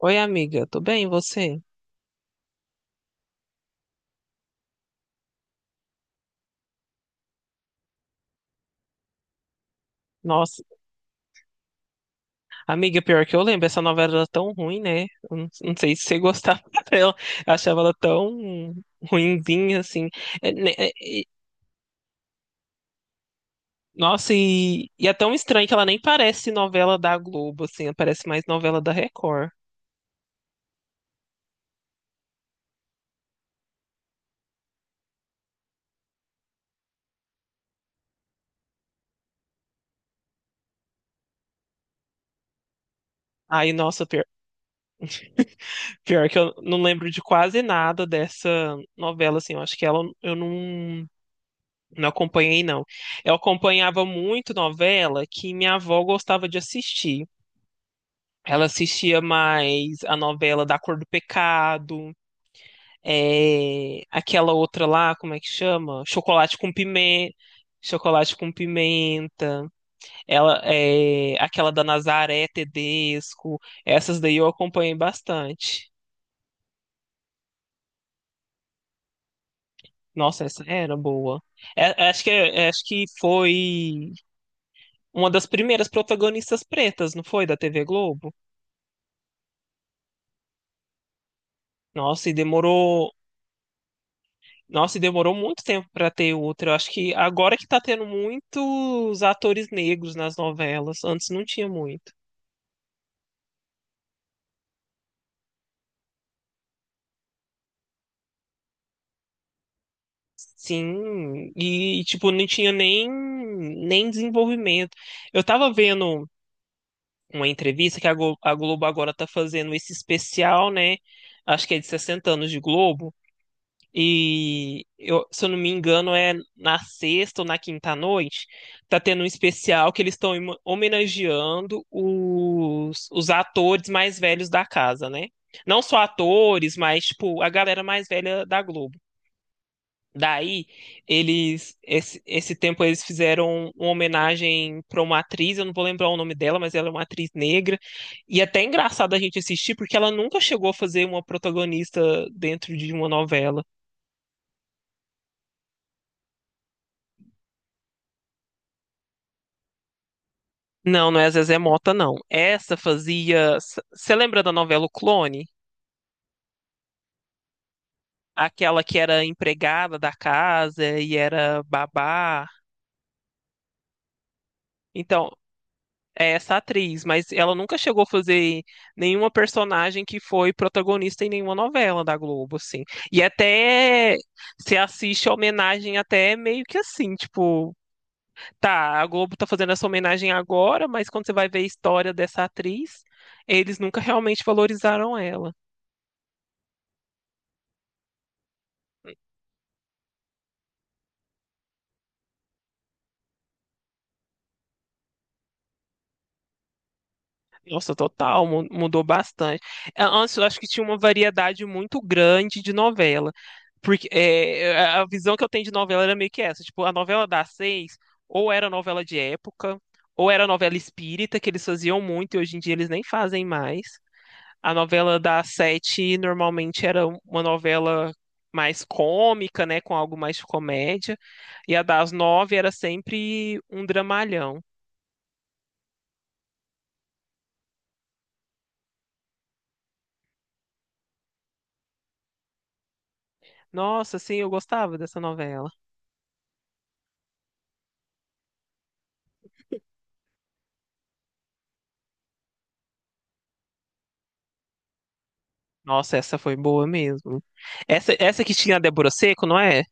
Oi, amiga, tudo bem? E você? Nossa, amiga, pior que eu lembro, essa novela era tão ruim, né? Eu Não, não sei se você gostava dela. Eu achava ela tão ruinzinha, assim. É, né, é, e- Nossa, e é tão estranho que ela nem parece novela da Globo, assim, ela parece mais novela da Record. Aí, nossa, pior, pior que eu não lembro de quase nada dessa novela, assim, eu acho que ela eu não, não acompanhei, não. Eu acompanhava muito novela que minha avó gostava de assistir. Ela assistia mais a novela Da Cor do Pecado, é, aquela outra lá, como é que chama? Chocolate com pimenta. Chocolate com pimenta, ela é aquela da Nazaré Tedesco, essas daí eu acompanhei bastante. Nossa, essa era boa. Acho que foi uma das primeiras protagonistas pretas, não foi, da TV Globo? Nossa, e demorou Nossa, e demorou muito tempo pra ter outra. Eu acho que agora que tá tendo muitos atores negros nas novelas. Antes não tinha muito. Sim, e tipo, não tinha nem, nem desenvolvimento. Eu tava vendo uma entrevista que a a Globo agora tá fazendo esse especial, né? Acho que é de 60 anos de Globo. Se eu não me engano, é na sexta ou na quinta noite, tá tendo um especial que eles estão homenageando os atores mais velhos da casa, né? Não só atores, mas tipo a galera mais velha da Globo. Daí, esse tempo eles fizeram uma homenagem para uma atriz, eu não vou lembrar o nome dela, mas ela é uma atriz negra. E até é engraçado a gente assistir porque ela nunca chegou a fazer uma protagonista dentro de uma novela. Não, não é Zezé Mota, não. Essa fazia. Você lembra da novela O Clone? Aquela que era empregada da casa e era babá. Então, é essa atriz, mas ela nunca chegou a fazer nenhuma personagem que foi protagonista em nenhuma novela da Globo, assim. E até se assiste a homenagem até meio que assim, tipo, tá, a Globo tá fazendo essa homenagem agora, mas quando você vai ver a história dessa atriz, eles nunca realmente valorizaram ela. Nossa, total, mudou bastante. Antes eu acho que tinha uma variedade muito grande de novela. Porque é, a visão que eu tenho de novela era meio que essa. Tipo, a novela das seis, ou era novela de época, ou era novela espírita, que eles faziam muito e hoje em dia eles nem fazem mais. A novela das sete normalmente era uma novela mais cômica, né? Com algo mais de comédia. E a das nove era sempre um dramalhão. Nossa, sim, eu gostava dessa novela. Nossa, essa foi boa mesmo. Essa que tinha a Débora Seco, não é?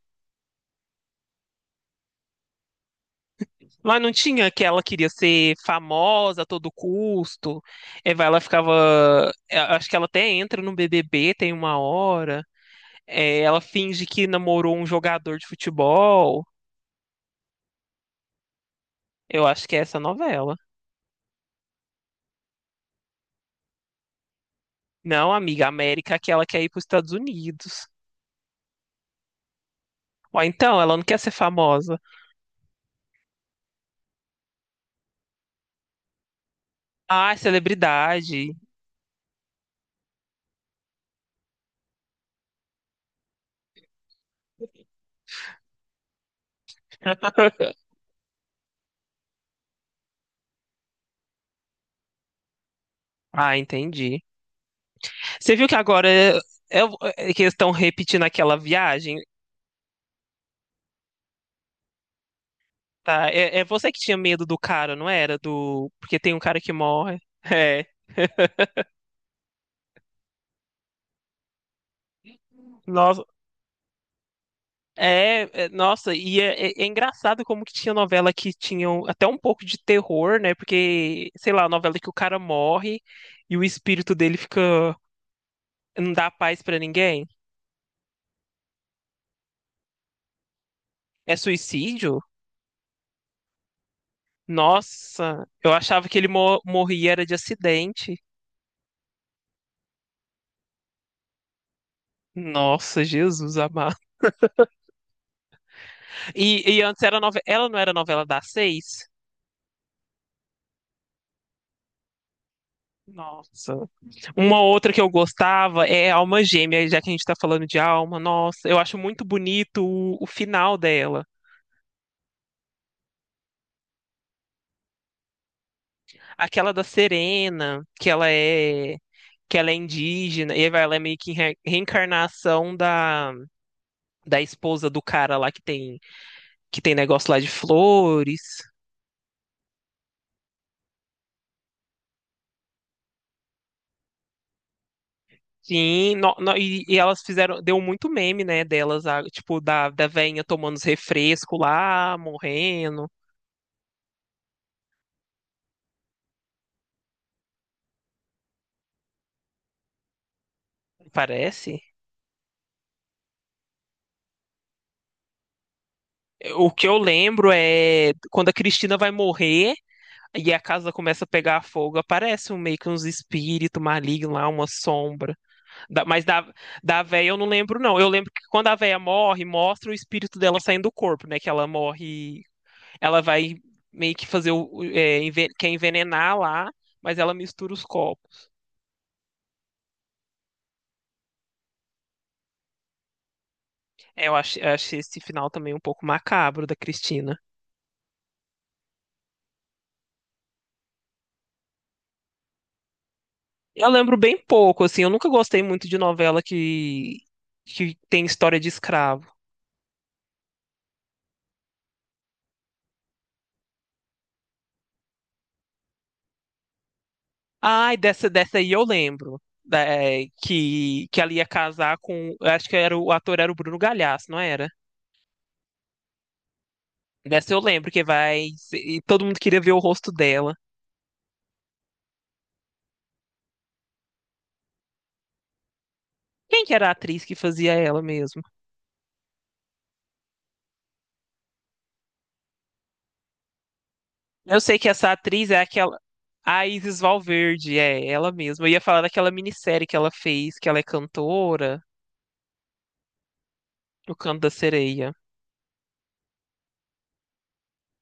Mas não tinha que ela queria ser famosa a todo custo. É, vai, ela ficava. É, acho que ela até entra no BBB, tem uma hora. É, ela finge que namorou um jogador de futebol. Eu acho que é essa novela. Não, amiga, a América que ela quer ir para os Estados Unidos. Ou então, ela não quer ser famosa. Ah, é celebridade. Ah, entendi. Você viu que agora é- é que eles estão repetindo aquela viagem, tá? É, é você que tinha medo do cara, não era? Do porque tem um cara que morre. É. Nossa, nossa, é engraçado como que tinha novela que tinham até um pouco de terror, né? Porque, sei lá, novela que o cara morre e o espírito dele fica não dá paz pra ninguém. É suicídio? Nossa, eu achava que ele morria era de acidente. Nossa, Jesus amado. Ela não era novela das seis? Nossa. Uma outra que eu gostava é Alma Gêmea, já que a gente tá falando de alma. Nossa, eu acho muito bonito o final dela. Aquela da Serena, que ela é indígena, e ela é meio que reencarnação da esposa do cara lá que tem negócio lá de flores. Sim, e elas fizeram, deu muito meme, né, delas, tipo, da veinha tomando os refrescos lá, morrendo, parece. O que eu lembro é quando a Cristina vai morrer e a casa começa a pegar fogo, aparece um, meio que uns espíritos malignos lá, uma sombra. Da- mas da, da véia eu não lembro, não. Eu lembro que quando a véia morre, mostra o espírito dela saindo do corpo, né, que ela morre, ela vai meio que fazer quer envenenar lá, mas ela mistura os corpos. É, eu achei esse final também um pouco macabro da Cristina. Eu lembro bem pouco, assim, eu nunca gostei muito de que tem história de escravo. Ai, dessa aí eu lembro. Que ela ia casar com. Eu Acho que era, o ator era o Bruno Galhaço, não era? Dessa eu lembro que vai. E todo mundo queria ver o rosto dela. Quem que era a atriz que fazia ela mesmo? Eu sei que essa atriz é aquela. A Isis Valverde, é ela mesma. Eu ia falar daquela minissérie que ela fez, que ela é cantora. O canto da sereia.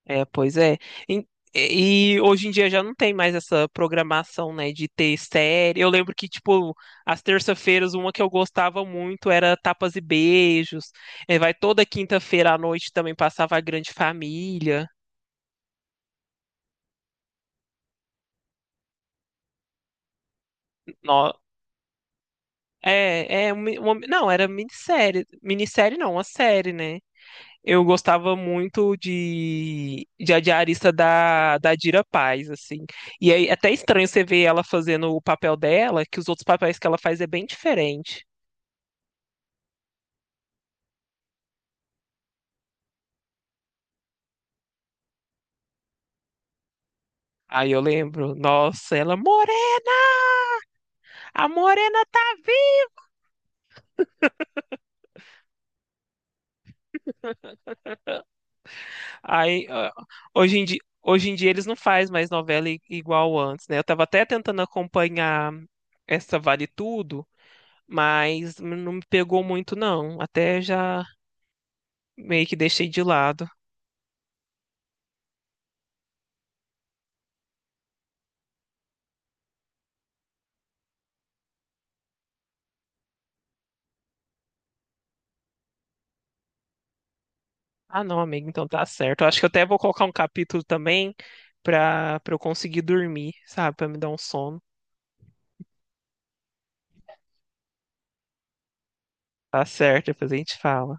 É, pois é. Em- e hoje em dia já não tem mais essa programação, né, de ter série. Eu lembro que, tipo, às terça-feiras, uma que eu gostava muito era Tapas e Beijos. É, vai toda quinta-feira à noite também passava a Grande Família. No- é não, era minissérie. Minissérie não, uma série, né? Eu gostava muito de a diarista da Dira Paz, assim. E aí, é até estranho você ver ela fazendo o papel dela, que os outros papéis que ela faz é bem diferente. Aí eu lembro, nossa, ela, é Morena, a Morena tá viva! Aí, ah, hoje em dia eles não fazem mais novela igual antes, né? Eu tava até tentando acompanhar essa Vale Tudo, mas não me pegou muito, não. Até já meio que deixei de lado. Ah, não, amigo, então tá certo. Eu acho que eu até vou colocar um capítulo também pra eu conseguir dormir, sabe? Pra me dar um sono. Tá certo, depois a gente fala.